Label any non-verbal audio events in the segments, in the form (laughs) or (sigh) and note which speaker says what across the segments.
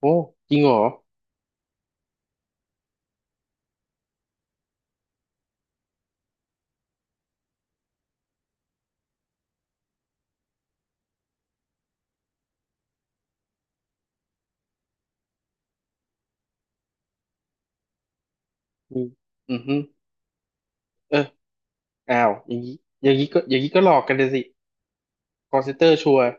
Speaker 1: โอ้จริงเหรอมีอือฮึเอออ้าวอย่างนี้อย่างนี้ก็อย่างนี้ก็หลอกกันเลยสิคอลเซ็นเตอร์ชัวร์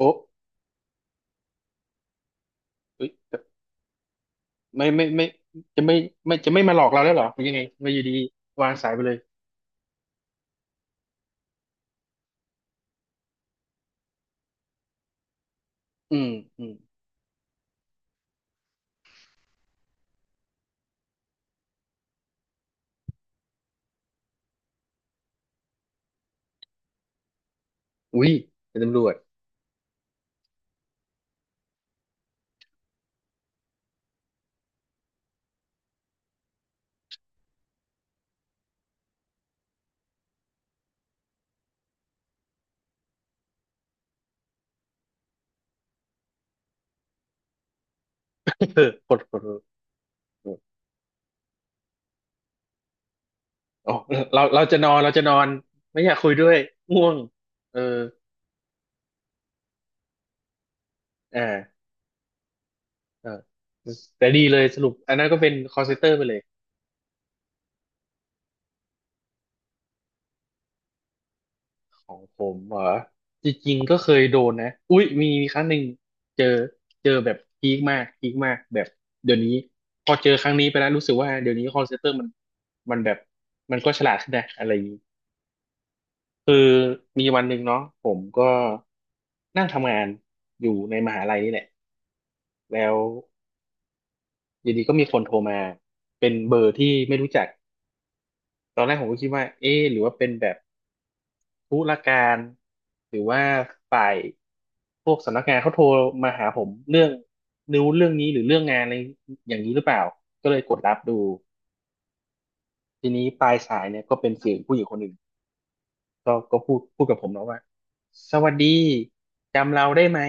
Speaker 1: โอ้เอ้ยแต่ไม่จะไม่ไม่จะไม่มาหลอกเราแล้วเหรอมยังไงมาอยู่ดีวางสายไปเลยอืมอืมอุ้ยเป็นตำรวจ (laughs) เออกดอ๋อเราจะนอนเราจะนอนไม่อยากคุยด้วยง่วงเอออ่าเออแต่ดีเลยสรุปอันนั้นก็เป็นคอลเซเตอร์ไปเลย ของผมเหรอจริงๆก็เคยโดนนะอุ้ยมีครั้งหนึ่งเจอเจอแบบพีคมากพีคมากแบบเดี๋ยวนี้พอเจอครั้งนี้ไปแล้วรู้สึกว่าเดี๋ยวนี้คอลเซ็นเตอร์มันมันแบบมันก็ฉลาดขึ้นนะอะไรอย่างนี้คือมีวันหนึ่งเนาะผมก็นั่งทำงานอยู่ในมหาลัยนี่แหละแล้วอยู่ดีก็มีคนโทรมาเป็นเบอร์ที่ไม่รู้จักตอนแรกผมก็คิดว่าเอ๊ะหรือว่าเป็นแบบ ธุรการหรือว่าฝ่ายพวกสำนักงานเขาโทรมาหาผมเรื่องนิ้วเรื่องนี้หรือเรื่องงานอะไรอย่างนี้หรือเปล่าก็เลยกดรับดูทีนี้ปลายสายเนี่ยก็เป็นเสียงผู้หญิงคนหนึ่งก็พูดกับผมเนาะว่าสวัสดีจำเราได้ไหม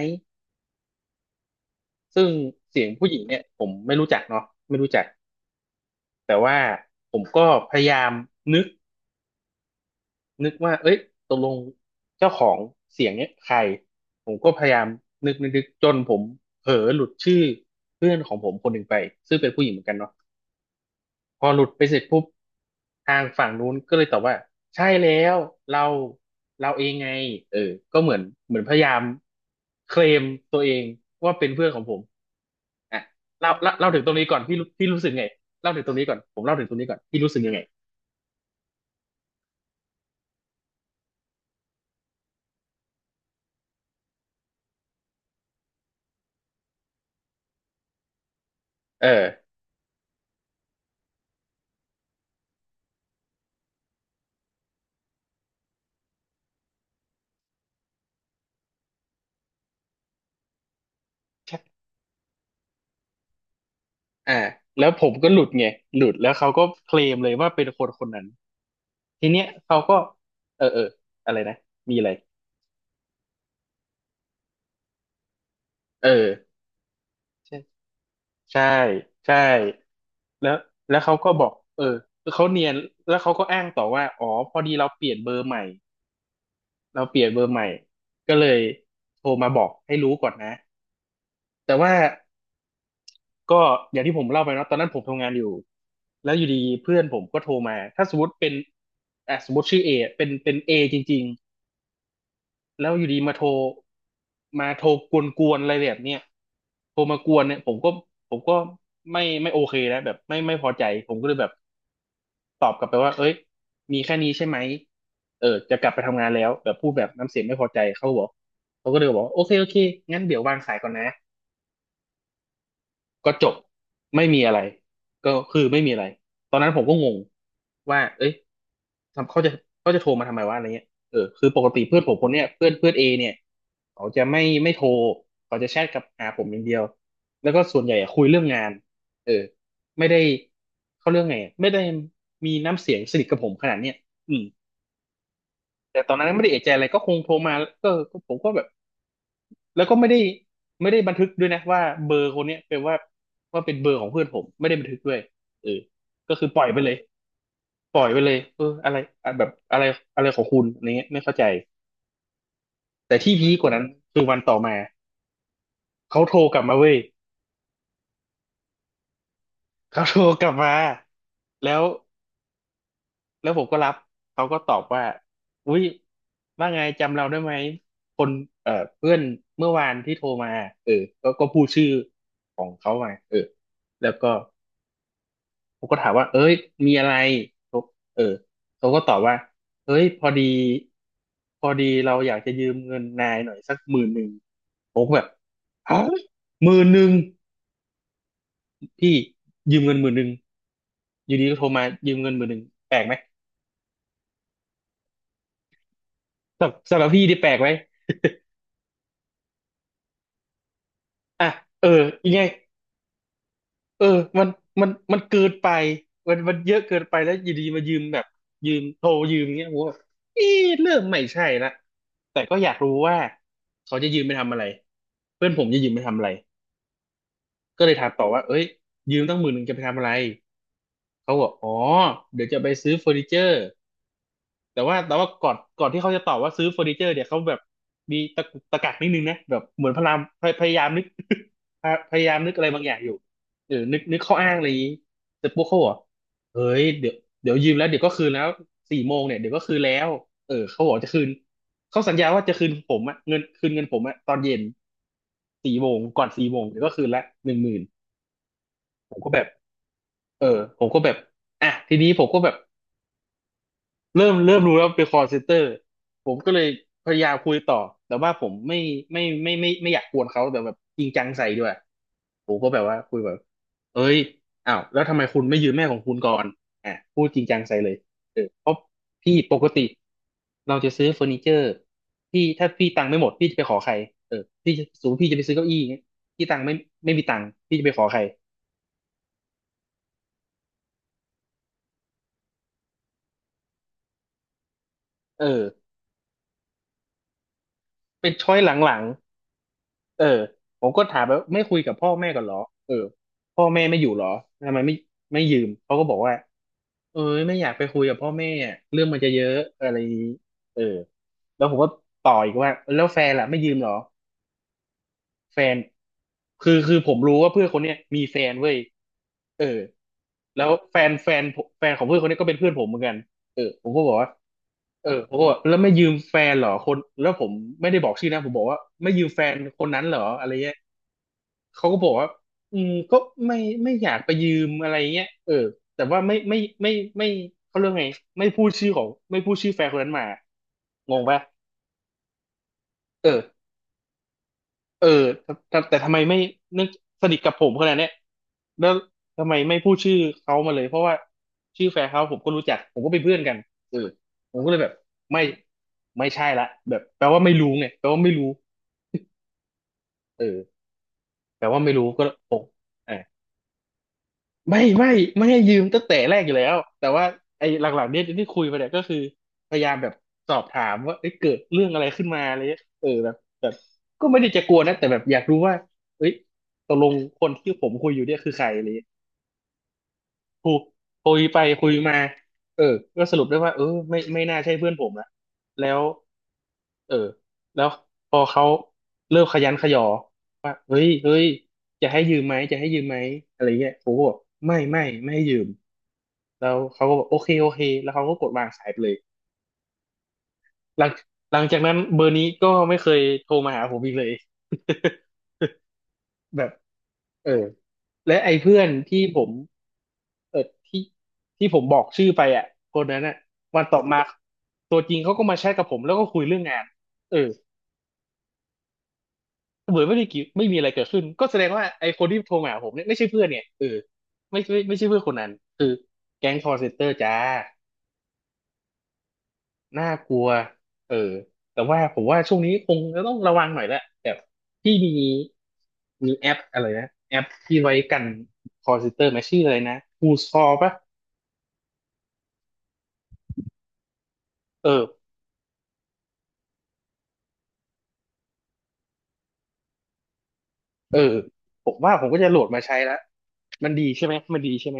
Speaker 1: ซึ่งเสียงผู้หญิงเนี่ยผมไม่รู้จักเนาะไม่รู้จักแต่ว่าผมก็พยายามนึก นึกว่าเอ้ยตกลงเจ้าของเสียงเนี้ยใครผมก็พยายามนึกจนผมเผลอหลุดชื่อเพื่อนของผมคนหนึ่งไปซึ่งเป็นผู้หญิงเหมือนกันเนาะพอหลุดไปเสร็จปุ๊บทางฝั่งนู้นก็เลยตอบว่าใช่แล้วเราเราเองไงเออก็เหมือนพยายามเคลมตัวเองว่าเป็นเพื่อนของผมอ่ะเล่าถึงตรงนี้ก่อนพี่รู้พี่รู้สึกไงเล่าถึงตรงนี้ก่อนผมเล่าถึงตรงนี้ก่อนพี่รู้สึกยังไงเออ อ่าแล้วผมก็หลุดไงหลุดแล้วเขาก็เคลมเลยว่าเป็นคนคนนั้นทีเนี้ยเขาก็เออเอออะไรนะมีอะไรเออใช่ใช่ใช่แล้วแล้วเขาก็บอกเออเขาเนียนแล้วเขาก็อ้างต่อว่าอ๋อพอดีเราเปลี่ยนเบอร์ใหม่เราเปลี่ยนเบอร์ใหม่ก็เลยโทรมาบอกให้รู้ก่อนนะแต่ว่าก็อย่างที่ผมเล่าไปเนาะตอนนั้นผมทำงานอยู่แล้วอยู่ดีเพื่อนผมก็โทรมาถ้าสมมติเป็นอ่ะสมมติชื่อเอเป็นเอจริง แล้วอยู่ดีมาโทรมาโทรกวนๆอะไรแบบเนี้ยโทรมากวนเนี่ยผมก็ไม่โอเคแล้วแบบไม่พอใจผมก็เลยแบบตอบกลับไปว่าเอ้ยมีแค่นี้ใช่ไหมเออจะกลับไปทำงานแล้วแบบพูดแบบน้ำเสียงไม่พอใจเขาบอกเขาก็เลยบอกว่าโอเคโอเคงั้นเดี๋ยววางสายก่อนนะ ก็จบไม่มีอะไรก็คือไม่มีอะไรตอนนั้นผมก็งงว่าเอ้ยทำเขาจะเขาจะโทรมาทำไมวะอะไรเงี้ยเออคือปกติเพื่อนผมคนเนี้ยเพื่อนเพื่อนเอเนี่ยเขาจะไม่โทรเขาจะแชทกับหาผมอย่างเดียวแล้วก็ส่วนใหญ่อะคุยเรื่องงานเออไม่ได้เขาเรื่องไงอะไม่ได้มีน้ำเสียงสนิทกับผมขนาดเนี้ยอืมแต่ตอนนั้นไม่ได้เอะใจอะไรก็คงโทรมาก็ผมก็แบบ แล้วก็ไม่ได้ไม่ได้บันทึกด้วยนะว่าเบอร์คนเนี้ยเป็นว่าว่าเป็นเบอร์ของเพื่อนผมไม่ได้บันทึกด้วยเออก็คือปล่อยไปเลยปล่อยไปเลยเอออะไรอะแบบอะไรอะไรของคุณอะไรเงี้ยไม่เข้าใจแต่ที่พีคกว่านั้นคือวันต่อมาเขาโทรกลับมาเว้ยเขาโทรกลับมาแล้วแล้วผมก็รับเขาก็ตอบว่าอุ้ยว่าไงจำเราได้ไหมคนเอ่อเพื่อนเมื่อวานที่โทรมาเออก็ก็พูดชื่อของเขามาเออแล้วก็ ผมก็ถามว่าเอ้ยมีอะไรเขาเออเขาก็ตอบว่าเอ้ยพอดีเราอยากจะยืมเงินนายหน่อยสักหมื่นหนึ่งผมก็แบบฮะหมื่นหนึ่งพี่ยืมเงินหมื่นหนึ่งอยู่ดีก็โทรมายืมเงินหมื่นหนึ่งแปลกไหมสำหรับพี่ที่แปลกไหมอ่ะเออยังไงเออมันมันเกินไปมันเยอะเกินไปแล้วอยู่ดีมายืมแบบยืมโทรยืมอย่างเงี้ยผมแบบเอ๊ะเริ่มไม่ใช่ละแต่ก็อยากรู้ว่าเขาจะยืมไปทำอะไร เพื่อนผมจะยืมไปทำอะไร ก็เลยถามต่อว่าเอ้ยยืมตั้งหมื่นหนึ่งจะไปทำอะไร เขาบอกอ๋อ เดี๋ยวจะไปซื้อเฟอร์นิเจอร์ แต่ว่าก่อนที่เขาจะตอบว่าซื้อเฟอร์นิเจอร์เนี่ยเขาแบบมีตะกุกตะกักนิดนึงนะแบบเหมือนพยายามนึก (laughs) พยายามนึกอะไรบางอย่างอยู่เออนึกข้ออ้างอะไรอย่างนี้เสร็ปุ๊กเขาบอกเฮ้ยเดี๋ยวยืมแล้วเดี๋ยวก็คืนแล้วสี่โมงเนี่ยเดี๋ยวก็คืนแล้วเออเขาบอกจะคืนเขาสัญญาว่าจะคืนผมอะเงินคืนเงินผมอะตอนเย็นสี่โมงก่อนสี่โมงเดี๋ยวก็คืนละ10,000ผมก็แบบเออผมก็แบบอ่ะทีนี้ผมก็แบบ เริ่มรู้แล้วเป็น call center ผมก็เลยพยายามคุยต่อแต่ว่าผมไม่อยากกวนเขาแต่แบบจริงจังใส่ด้วยผมก็แบบว่าคุยแบบเอ้ยอ้าวแล้วทำไมคุณไม่ยืมแม่ของคุณก่อนอ่ะพูดจริงจังใส่เลยเออเพราะพี่ปกติเราจะซื้อเฟอร์นิเจอร์พี่ถ้าพี่ตังค์ไม่หมดพี่จะไปขอใครเออพี่จะสูงพี่จะไปซื้อเก้าอี้อย่างเงี้ยพี่ตังค์ไม่ไม่มีตังค์พี่จะไปขอใครเออเป็นช้อยหลัง เออผมก็ถามไปว่าไม่คุยกับพ่อแม่กันเหรอเออพ่อแม่ไม่อยู่เหรอทำไมไม่ยืมเขาก็บอกว่าเออไม่อยากไปคุยกับพ่อแม่อะเรื่องมันจะเยอะอะไรอย่างนี้เออแล้วผมก็ต่ออีกว่าแล้วแฟนล่ะไม่ยืมเหรอแฟนคือผมรู้ว่าเพื่อนคนเนี้ยมีแฟนเว้ยเออแล้วแฟนแฟนผมแฟนของเพื่อนคนนี้ก็เป็นเพื่อนผมเหมือนกันเออผมก็บอกว่าเออผมก็บอกแล้วไม่ยืมแฟนเหรอคนแล้วผมไม่ได้บอกชื่อนะผมบอกว่าไม่ยืมแฟนคนนั้นเหรออะไรเงี้ย เขาก็บอกว่าอืมก็ไม่ไม่อยากไปยืมอะไรเงี้ยเออแต่ว่าไม่ไม่เขาเรื่องไงไม่พูดชื่อแฟนคนนั้นมางงปะเออเออแต่ทำไมไม่เนื่องสนิทกับผมขนาดเนี้ยแล้วทำไมไม่พูดชื่อเขามาเลยเพราะว่าชื่อแฟนเขาผมก็รู้จักผมก็เป็นเพื่อนกันเออผมก็เลยแบบไม่ไม่ใช่ละแบบแปลว่าไม่รู้ไงแปลว่าไม่รู้เออแปลว่าไม่รู้ก็โอ้ ไม่ไม่ไม่ให้ยืมตั้งแต่แรกอยู่แล้วแต่ว่าไอ้หลังๆเนี่ยที่คุยมาเนี่ยก็คือพยายามแบบสอบถามว่าเอ้ยเกิดเรื่องอะไรขึ้นมาอะไรเงี้ยเออแบบแบบก็ไม่ได้จะกลัวนะแต่แบบอยากรู้ว่าเอ้ยตกลงคนที่ผมคุยอยู่เนี่ยคือใครอะไรเงี้ยคุยคุยไปคุยมาเออก็สรุปได้ว่าเออไม่น่าใช่เพื่อนผมละแล้วเออแล้วพอเขาเริ่มขยันขยอว่าเฮ้ยเฮ้ยจะให้ยืมไหมจะให้ยืมไหมอะไรเงี้ยผมก็บอกไม่ให้ยืม แล้วเขาก็บอกโอเคโอเคแล้วเขาก็กดวางสายไปเลยหลังหลังจากนั้นเบอร์นี้ก็ไม่เคยโทรมาหาผมอีกเลย (laughs) แบบเออและไอ้เพื่อนที่ผมเออที่ที่ผมบอกชื่อไปอ่ะคนนั้นอ่ะวันต่อมาตัวจริงเขาก็มาแชทกับผมแล้วก็คุยเรื่องงานเออเหมือนไม่ได้กี่ไม่มีอะไรเกิดขึ้นก็แสดงว่าไอ้คนที่โทรมาหาผมเนี่ยไม่ใช่เพื่อนเนี่ยเออไม่ใช่เพื่อนคนนั้นคือแก๊งคอร์เซ็นเตอร์จ้า น่ากลัวเออแต่ว่าผมว่าช่วงนี้คงจะต้องระวังหน่อยแหละแบบที่มีแอปอะไรนะ แอปที่ไว้กันคอ l เ e เตอร์มาชื่ออะไรนะ Who's Call ปะเออเออผมว่าผมก็จะโหลดมาใช้แล้วมันดีใช่ไหมมันดีใช่ไหม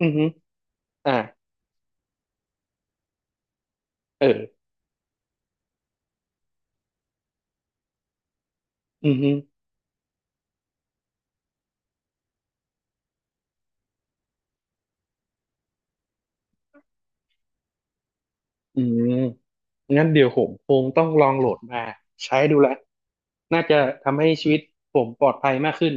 Speaker 1: อือฮึอ่าเอออือฮึอืมงั้นเดี๋ยวผมคงต้องลองโหลดมาใช้ดูละน่าจะทำให้ชีวิตผมปลอดภัยมากขึ้น